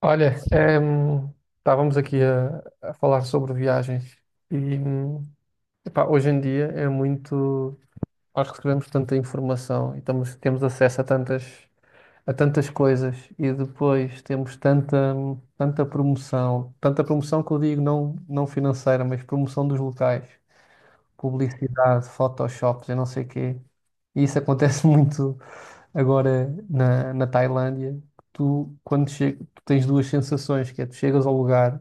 Olha, estávamos aqui a falar sobre viagens e epá, hoje em dia é muito. Nós recebemos tanta informação e temos acesso a a tantas coisas e depois temos tanta promoção que eu digo não, não financeira, mas promoção dos locais, publicidade, photoshops e não sei quê. E isso acontece muito agora na Tailândia. Tu, tu tens duas sensações, que é tu chegas ao lugar.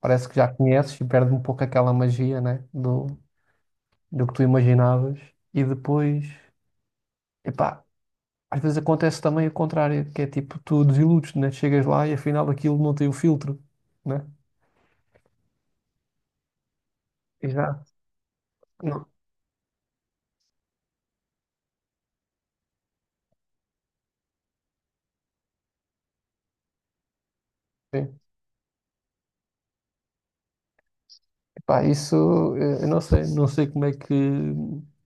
Parece que já conheces e perde um pouco aquela magia, né? Do que tu imaginavas. E depois, epá, às vezes acontece também o contrário, que é tipo, tu desiludes, né? Chegas lá e afinal aquilo não tem o filtro, né? Exato. Não. Sim. Epá, isso eu não sei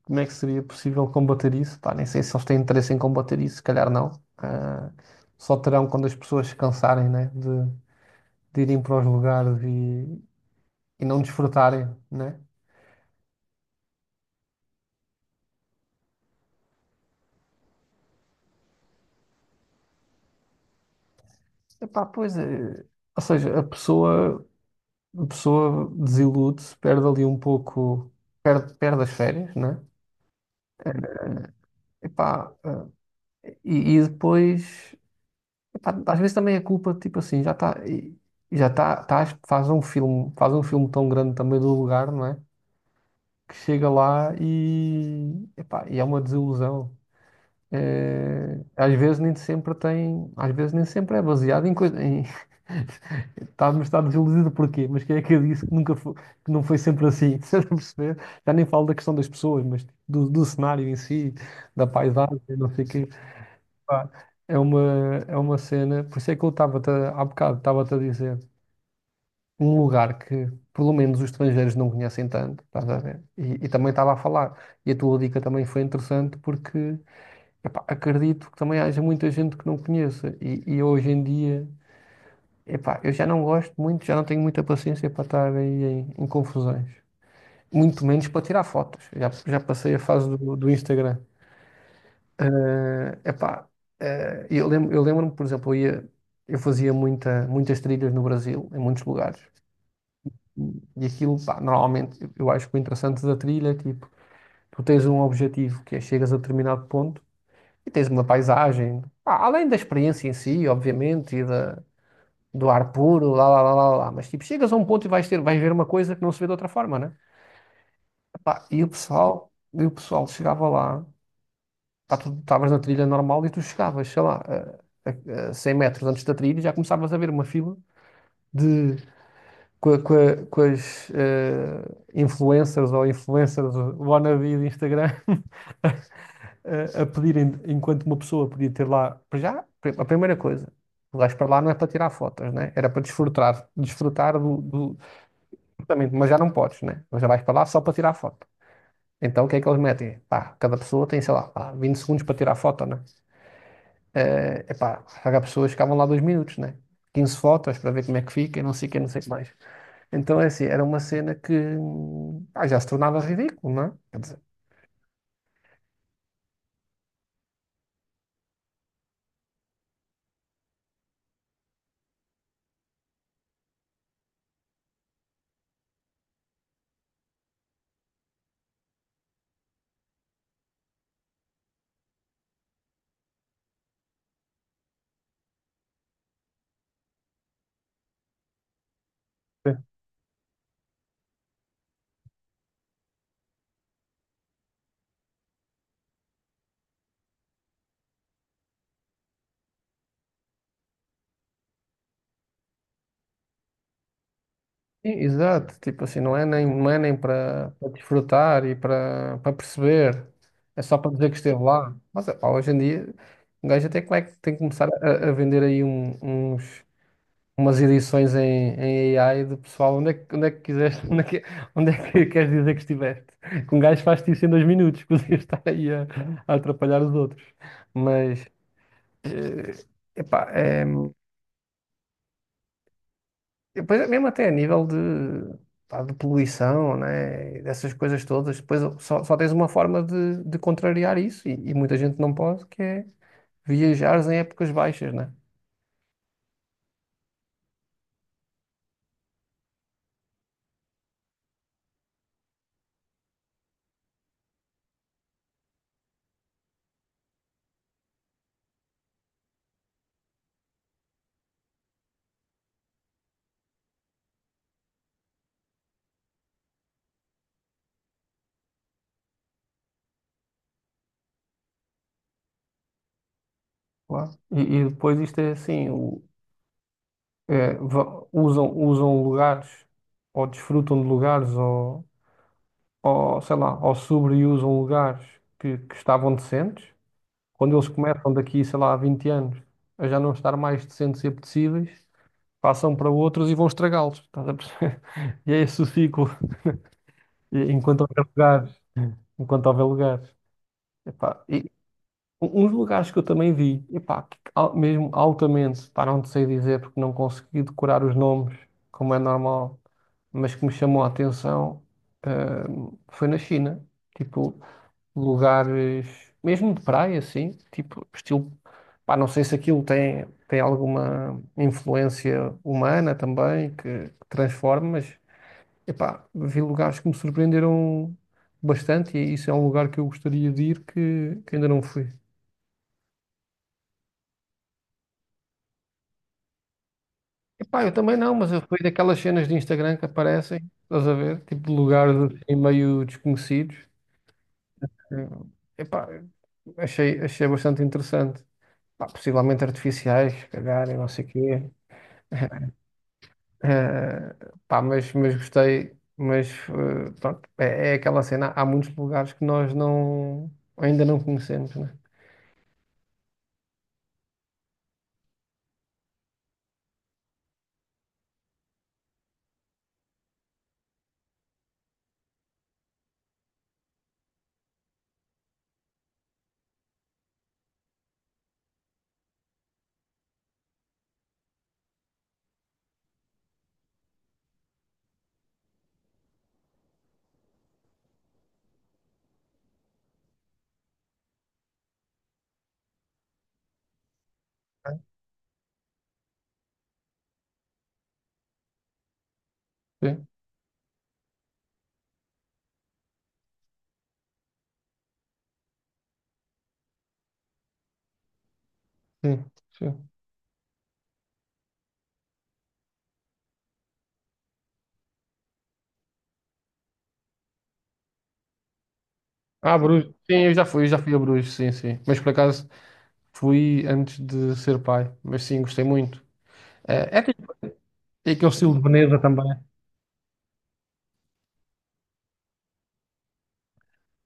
como é que seria possível combater isso. Pá, nem sei se eles têm interesse em combater isso, se calhar não. Ah, só terão quando as pessoas se cansarem, né? De irem para os lugares e não desfrutarem, né? Epá, pois é. Ou seja, a pessoa desilude-se, perde ali um pouco, perde as férias, né? Epá, e depois, epá, às vezes também é culpa, tipo assim, já está, faz um filme tão grande também do lugar, não é? Que chega lá e, epá, e é uma desilusão. Às vezes nem sempre tem, às vezes nem sempre é baseado em coisa, em, Mas está desiludido porquê? Mas quem é que eu disse que nunca foi, que não foi sempre assim? Estás a perceber? Já nem falo da questão das pessoas, mas do cenário em si, da paisagem, não sei o quê. Pá, é uma, é uma cena. Por isso é que eu há bocado, estava-te a dizer um lugar que, pelo menos, os estrangeiros não conhecem tanto, estás a ver? E também estava a falar. E a tua dica também foi interessante porque, epá, acredito que também haja muita gente que não conheça. E hoje em dia. Epá, eu já não gosto muito, já não tenho muita paciência para estar aí em, em confusões. Muito menos para tirar fotos. Já passei a fase do Instagram. Epá, eu lembro-me, por exemplo, eu fazia muitas trilhas no Brasil, em muitos lugares. E aquilo, pá, normalmente, eu acho que o interessante da trilha é tipo, tu tens um objetivo que é chegas a determinado ponto e tens uma paisagem, pá, além da experiência em si, obviamente, e do ar puro, lá, lá, lá, lá, lá. Mas tipo, chegas a um ponto e vais ver uma coisa que não se vê de outra forma, né? Pá, e o pessoal chegava lá, pá, tu estavas na trilha normal e tu chegavas, sei lá, a 100 metros antes da trilha e já começavas a ver uma fila de. Com as influencers ou influencers wannabe de Instagram a pedirem, enquanto uma pessoa podia ter lá, para já, a primeira coisa, o gajo para lá não é para tirar fotos, né? Era para desfrutar Exatamente, mas já não podes, né? Mas já vais para lá só para tirar foto. Então o que é que eles metem? Pá, cada pessoa tem, sei lá, pá, 20 segundos para tirar foto, né? É pá, cada pessoa ficavam lá 2 minutos, né? 15 fotos para ver como é que fica e não sei o que, não sei o que mais. Então é assim, era uma cena que pá, já se tornava ridículo, não é? Quer dizer, Sim. Exato, tipo assim, não é nem para desfrutar e para perceber, é só para dizer que esteve lá. Mas é hoje em dia, um gajo até como é que tem que começar a vender aí um- uns. Umas edições em, em AI de pessoal, onde é que, quiseste, onde é que, queres dizer que estiveste? Que um gajo faz-te isso em 2 minutos, podia estar aí a atrapalhar os outros. Mas, eh, epá, é, depois é mesmo até a nível de, pá, de poluição, né? E dessas coisas todas, depois só tens uma forma de contrariar isso, e muita gente não pode, que é viajares em épocas baixas, né? Claro. E depois isto é assim, usam lugares ou desfrutam de lugares ou sei lá, ou sobreusam lugares que estavam decentes. Quando eles começam daqui, sei lá, a 20 anos a já não estar mais decentes e apetecíveis, passam para outros e vão estragá-los. Estás a perceber? E é esse o ciclo. Enquanto houver lugares. Enquanto houver lugares. Epá, e uns lugares que eu também vi, epá, que mesmo altamente, pá, não te sei dizer porque não consegui decorar os nomes, como é normal, mas que me chamou a atenção, ah, foi na China. Tipo, lugares, mesmo de praia, assim, tipo, estilo. Pá, não sei se aquilo tem alguma influência humana também que transforma, mas epá, vi lugares que me surpreenderam bastante e isso é um lugar que eu gostaria de ir que ainda não fui. Epá, eu também não, mas eu fui daquelas cenas de Instagram que aparecem, estás a ver? Tipo, de lugares assim meio desconhecidos. Eh, Epá, achei bastante interessante. Pá, possivelmente artificiais, se calhar, e não sei o quê. Eh, pá, mas gostei. Mas pronto, é aquela cena. Há muitos lugares que nós não, ainda não conhecemos, né? Sim, sim, sim. Ah, Bruges. Sim, eu já fui a Bruges, sim, sim. Mas por acaso fui antes de ser pai. Mas sim, gostei muito. Eh, É, tipo- é aquele estilo de Veneza também.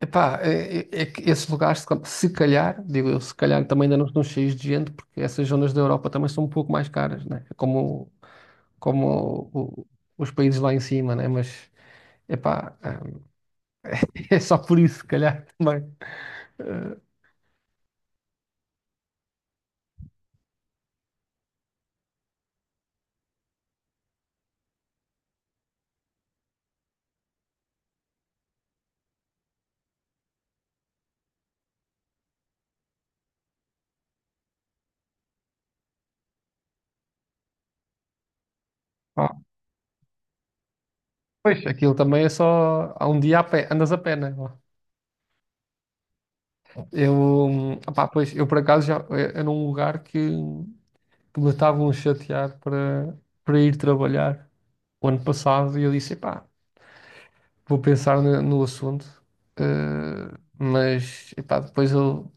Epá, é que esses lugares, se calhar, digo eu, se calhar também ainda não estão cheios de gente, porque essas zonas da Europa também são um pouco mais caras, né? É como, como o- o- os países lá em cima, né? Mas, epá, hum, é só por isso, se calhar, também. Eh, pá, pois, aquilo também é só, há um dia a pé, andas a pé, né? Eu, epá, pois, eu por acaso já, era um lugar que me estavam a chatear para ir trabalhar o ano passado e eu disse, epá, vou pensar no assunto, mas epá, depois eu,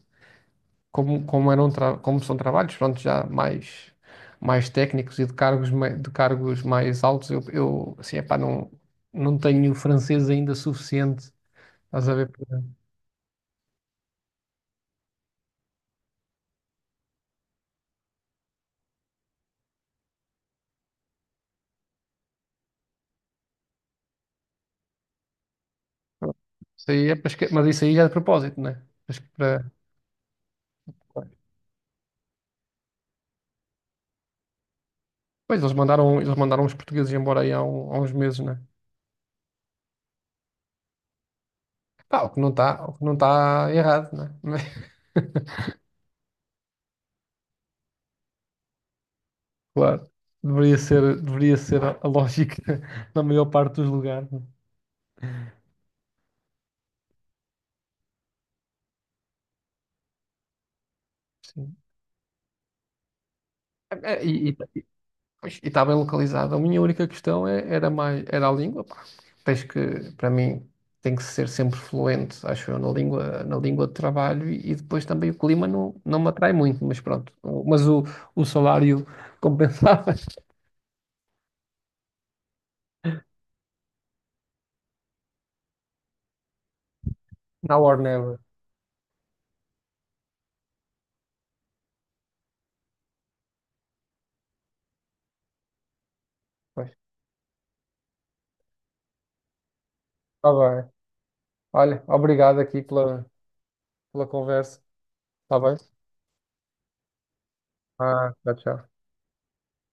como são trabalhos, pronto, já mais técnicos e de cargos, de cargos mais altos, eu assim, epá, não, não tenho francês ainda suficiente, estás a ver? Para- Isso aí é para esque- mas isso aí já é de propósito, né? Acho que pois, eles mandaram os portugueses embora aí há uns meses, né? Pá, o que não está errado, né? Claro. Deveria ser a lógica na maior parte dos lugares, né? Sim. É, é, e está bem localizado. A minha única questão era mais, era a língua, pá. Para mim, tem que ser sempre fluente, acho eu, na língua, de trabalho e depois também o clima não, não me atrai muito, mas pronto. Mas o salário compensava. Now or never. Pois. Está bem. Olha, obrigado aqui pela conversa. Está bem? Ah, tchau, tchau.